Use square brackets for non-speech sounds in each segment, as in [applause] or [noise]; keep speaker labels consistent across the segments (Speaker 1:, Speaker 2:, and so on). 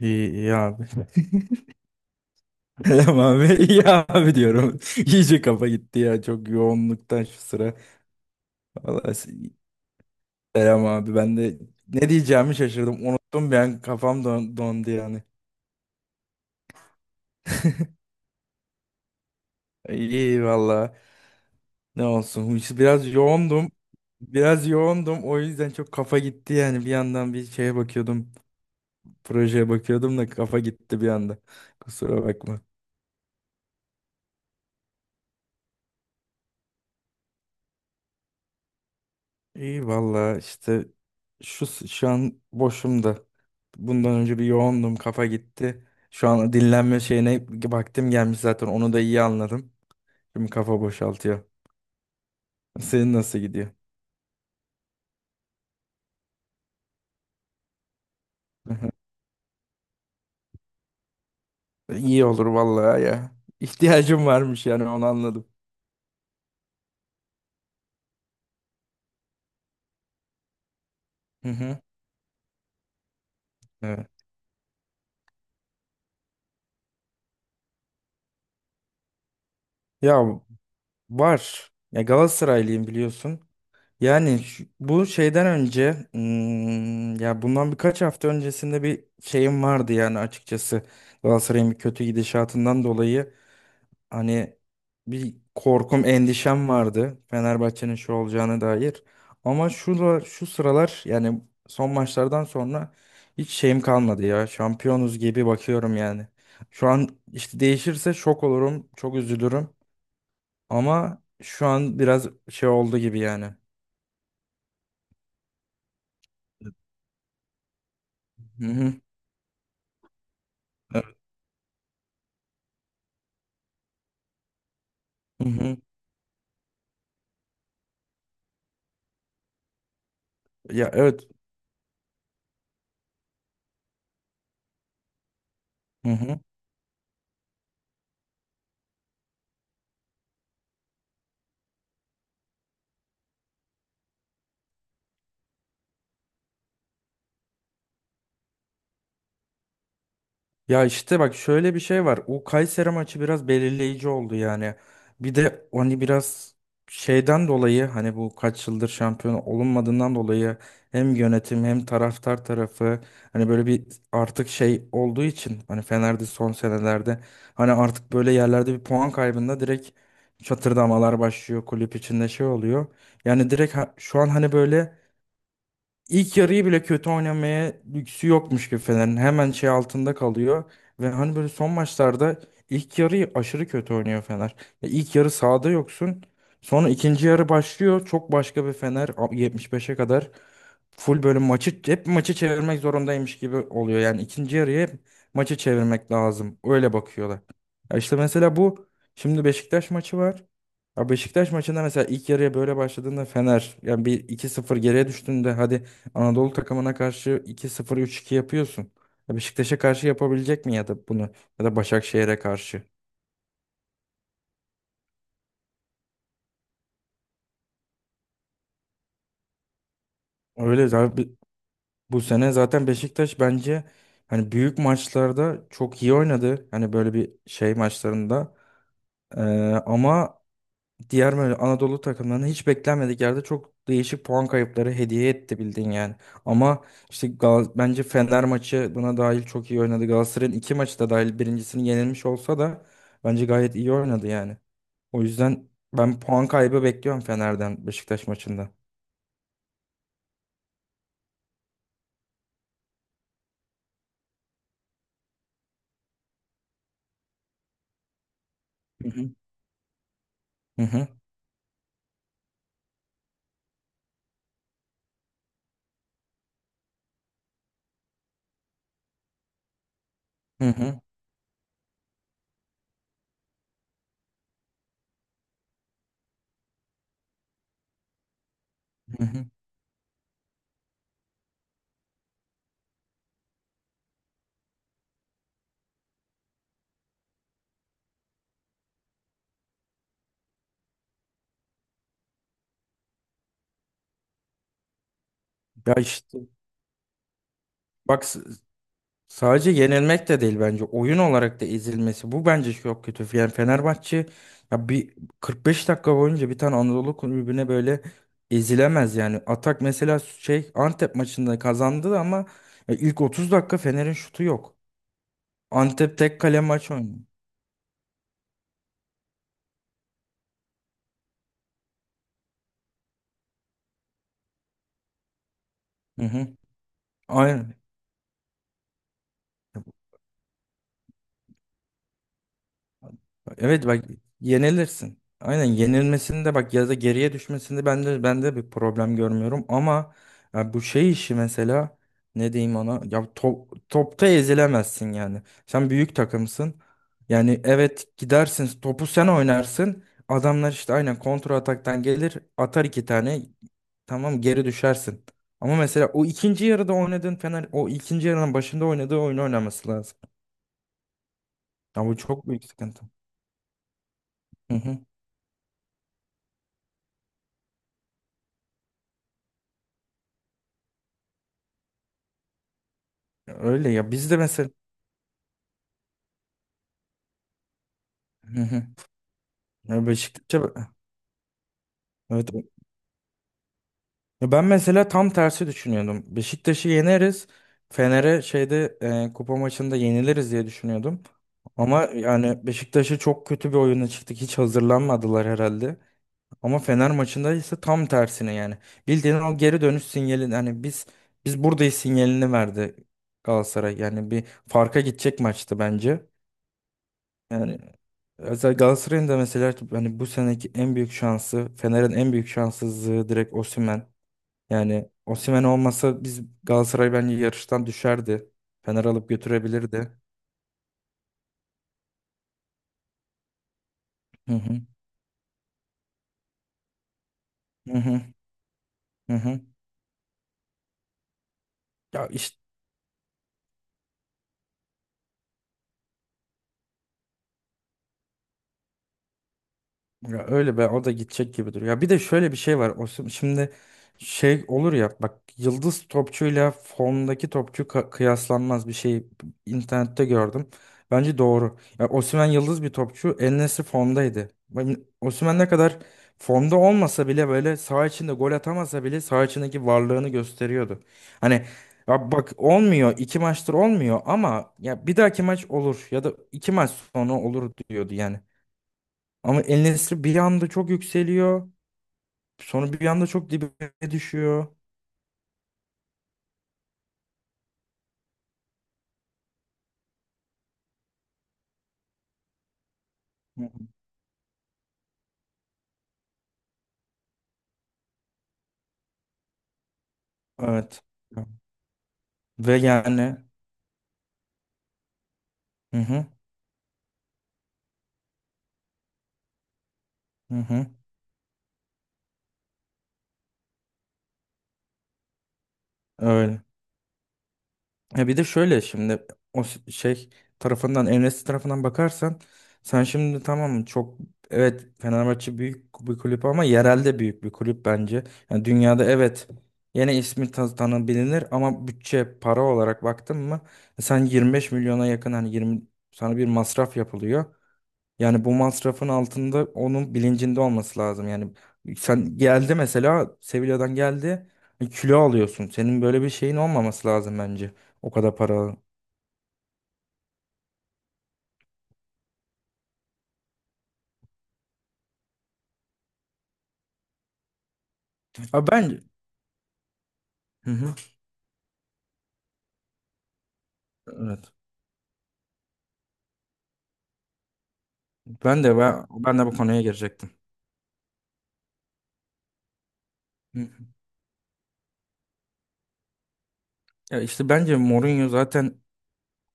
Speaker 1: İyi, iyi abi. [laughs] Selam abi. İyi abi diyorum. [laughs] İyice kafa gitti ya çok yoğunluktan şu sıra. Vallahi selam abi. Ben de ne diyeceğimi şaşırdım. Unuttum, ben kafam dondu yani. İyi valla. Ne olsun. İşte biraz yoğundum. Biraz yoğundum. O yüzden çok kafa gitti yani. Bir yandan bir şeye bakıyordum. Projeye bakıyordum da kafa gitti bir anda. Kusura bakma. İyi valla işte şu an boşum da. Bundan önce bir yoğundum, kafa gitti. Şu an dinlenme şeyine vaktim gelmiş, zaten onu da iyi anladım. Şimdi kafa boşaltıyor. Senin nasıl gidiyor? [laughs] Hı hı. İyi olur vallahi ya. İhtiyacım varmış yani, onu anladım. Hı hı. Evet. Ya var. Ya Galatasaraylıyım biliyorsun. Yani bu şeyden önce, ya bundan birkaç hafta öncesinde bir şeyim vardı yani açıkçası, Galatasaray'ın bir kötü gidişatından dolayı hani bir korkum, endişem vardı Fenerbahçe'nin şu olacağına dair. Ama şu sıralar yani son maçlardan sonra hiç şeyim kalmadı, ya şampiyonuz gibi bakıyorum yani. Şu an işte değişirse şok olurum, çok üzülürüm, ama şu an biraz şey oldu gibi yani. Hı hı. Hı hı. Ya, evet. Hı hı. Ya işte bak, şöyle bir şey var. O Kayseri maçı biraz belirleyici oldu yani. Bir de hani biraz şeyden dolayı, hani bu kaç yıldır şampiyon olunmadığından dolayı hem yönetim hem taraftar tarafı hani böyle bir artık şey olduğu için, hani Fener'de son senelerde hani artık böyle yerlerde bir puan kaybında direkt çatırdamalar başlıyor, kulüp içinde şey oluyor. Yani direkt şu an hani böyle İlk yarıyı bile kötü oynamaya lüksü yokmuş gibi Fener'in. Hemen şey altında kalıyor. Ve hani böyle son maçlarda ilk yarıyı aşırı kötü oynuyor Fener. Ya, İlk yarı sahada yoksun. Sonra ikinci yarı başlıyor. Çok başka bir Fener. 75'e kadar full böyle maçı hep maçı çevirmek zorundaymış gibi oluyor. Yani ikinci yarıya hep maçı çevirmek lazım. Öyle bakıyorlar. Ya işte mesela bu şimdi Beşiktaş maçı var. Ya Beşiktaş maçında mesela ilk yarıya böyle başladığında Fener yani bir 2-0 geriye düştüğünde, hadi Anadolu takımına karşı 2-0 3-2 yapıyorsun. Ya Beşiktaş'a karşı yapabilecek mi, ya da bunu ya da Başakşehir'e karşı? Öyle zaten bu sene zaten Beşiktaş bence hani büyük maçlarda çok iyi oynadı. Hani böyle bir şey maçlarında. Ee, ama diğer böyle Anadolu takımlarını hiç beklenmedik yerde çok değişik puan kayıpları hediye etti bildiğin yani. Ama işte bence Fener maçı buna dahil çok iyi oynadı. Galatasaray'ın iki maçı da dahil birincisini yenilmiş olsa da bence gayet iyi oynadı yani. O yüzden ben puan kaybı bekliyorum Fener'den Beşiktaş maçında. Hı hı. Hı hı, hı hı, hı hı. Ya işte bak, sadece yenilmek de değil, bence oyun olarak da ezilmesi bu bence çok kötü. Yani Fenerbahçe ya bir 45 dakika boyunca bir tane Anadolu kulübüne böyle ezilemez yani. Atak mesela şey Antep maçında kazandı ama ya ilk 30 dakika Fener'in şutu yok. Antep tek kale maç oynuyor. Hı hı. Aynen. Evet bak, yenilirsin. Aynen, yenilmesinde bak ya da geriye düşmesinde ben de bir problem görmüyorum, ama ya bu şey işi mesela ne diyeyim ona, ya topta ezilemezsin yani. Sen büyük takımsın. Yani evet, gidersin topu sen oynarsın. Adamlar işte aynen kontra ataktan gelir, atar iki tane, tamam geri düşersin. Ama mesela o ikinci yarıda oynadığın Fener, o ikinci yarının başında oynadığı oyunu oynaması lazım. Ya bu çok büyük sıkıntı. Hı hı. Öyle ya, biz de mesela. Hı hı. Ya Beşiktaş'a, evet. Ya ben mesela tam tersi düşünüyordum. Beşiktaş'ı yeneriz. Fener'e şeyde kupa maçında yeniliriz diye düşünüyordum. Ama yani Beşiktaş'ı çok kötü bir oyuna çıktık. Hiç hazırlanmadılar herhalde. Ama Fener maçında ise tam tersine yani. Bildiğin o geri dönüş sinyalini hani biz buradayız sinyalini verdi Galatasaray. Yani bir farka gidecek maçtı bence. Yani özel Galatasaray'ın da mesela hani bu seneki en büyük şansı, Fener'in en büyük şanssızlığı direkt Osimhen. Yani Osimhen olmasa biz Galatasaray bence yarıştan düşerdi. Fener alıp götürebilirdi. Hı hı. Hı hı. Hı hı. Ya işte. Ya öyle be, o da gidecek gibi duruyor. Ya bir de şöyle bir şey var. Şimdi şey olur ya bak, yıldız topçuyla formdaki topçu kıyaslanmaz bir şey internette gördüm. Bence doğru. Ya Osimhen yıldız bir topçu. En formdaydı. Osimhen ne kadar formda olmasa bile böyle saha içinde gol atamasa bile saha içindeki varlığını gösteriyordu. Hani ya bak olmuyor, iki maçtır olmuyor ama ya bir dahaki maç olur ya da iki maç sonra olur diyordu yani. Ama El Nesri bir anda çok yükseliyor. Sonra bir anda çok dibe düşüyor. Hı hı. Evet. Ve yani, hı hı, hı hı, öyle. Ya bir de şöyle şimdi şey tarafından El Nesri tarafından bakarsan, sen şimdi tamam çok, evet Fenerbahçe büyük bir kulüp ama yerelde büyük bir kulüp bence. Yani dünyada evet yine ismi tanınabilir, ama bütçe para olarak baktın mı sen 25 milyona yakın, hani 20, sana bir masraf yapılıyor. Yani bu masrafın altında, onun bilincinde olması lazım. Yani sen geldi mesela Sevilla'dan geldi, kilo alıyorsun. Senin böyle bir şeyin olmaması lazım bence. O kadar para. Abi ben. Hı hı. Evet. Ben de bu konuya girecektim. Hı hı. Ya işte bence Mourinho zaten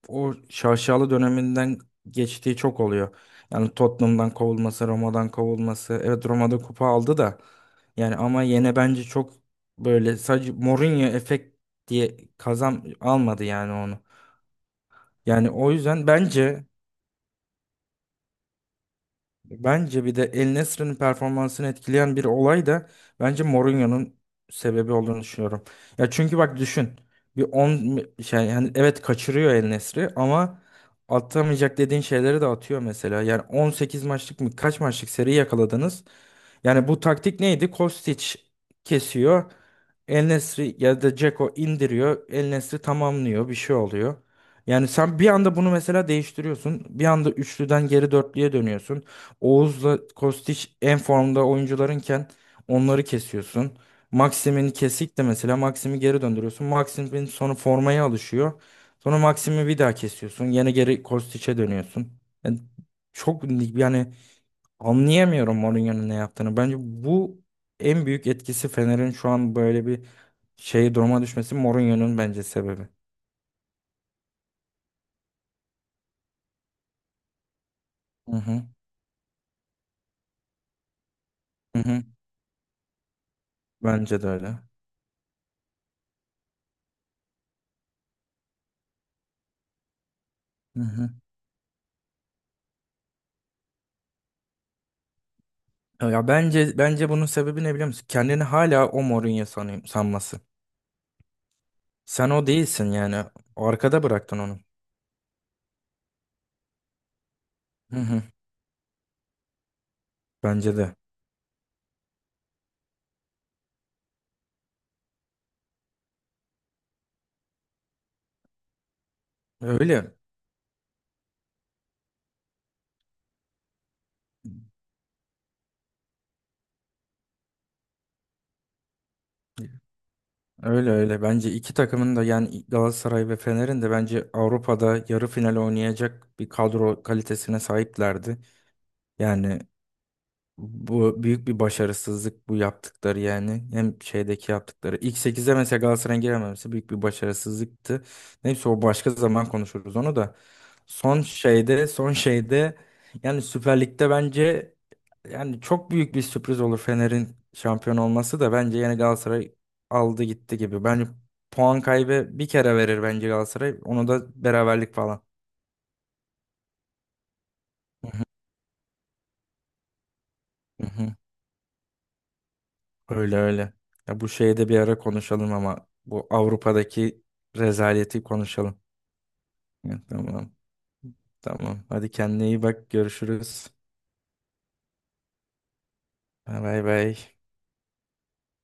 Speaker 1: o şaşalı döneminden geçtiği çok oluyor. Yani Tottenham'dan kovulması, Roma'dan kovulması. Evet, Roma'da kupa aldı da. Yani ama yine bence çok böyle sadece Mourinho efekt diye kazan almadı yani onu. Yani o yüzden Bence bir de El Nesri'nin performansını etkileyen bir olay da bence Mourinho'nun sebebi olduğunu düşünüyorum. Ya çünkü bak düşün. Bir 10 şey yani evet kaçırıyor El Nesri, ama atamayacak dediğin şeyleri de atıyor mesela. Yani 18 maçlık mı, kaç maçlık seri yakaladınız? Yani bu taktik neydi? Kostić kesiyor. El Nesri ya da Dzeko indiriyor. El Nesri tamamlıyor. Bir şey oluyor. Yani sen bir anda bunu mesela değiştiriyorsun. Bir anda üçlüden geri dörtlüye dönüyorsun. Oğuz'la Kostić en formda oyuncularınken onları kesiyorsun. Maxim'in kesik de mesela Maxim'i geri döndürüyorsun. Maxim'in sonra formaya alışıyor. Sonra Maxim'i bir daha kesiyorsun. Yine geri Kostić'e dönüyorsun. Yani çok yani anlayamıyorum Mourinho'nun ne yaptığını. Bence bu en büyük etkisi Fener'in şu an böyle bir şey duruma düşmesi Mourinho'nun bence sebebi. Hı hı. Hı hı. Bence de öyle. Hı hı. Ya bence bunun sebebi ne biliyor musun? Kendini hala o Mourinho sanıyor, sanması. Sen o değilsin yani. Arkada bıraktın onu. Hı hı. Bence de. Öyle. Öyle öyle. Bence iki takımın da, yani Galatasaray ve Fener'in de, bence Avrupa'da yarı final oynayacak bir kadro kalitesine sahiplerdi. Yani bu büyük bir başarısızlık bu yaptıkları yani. Hem şeydeki yaptıkları. İlk 8'e mesela Galatasaray'ın girememesi büyük bir başarısızlıktı. Neyse, o başka zaman konuşuruz onu da. Son şeyde yani Süper Lig'de bence yani çok büyük bir sürpriz olur Fener'in şampiyon olması da, bence yani Galatasaray aldı gitti gibi. Bence puan kaybı bir kere verir bence Galatasaray. Onu da beraberlik falan. Hı hı, hı hı. Öyle öyle. Ya bu şeyi de bir ara konuşalım, ama bu Avrupa'daki rezaleti konuşalım. Ya, tamam tamam. Hadi kendine iyi bak. Görüşürüz. Bay bay.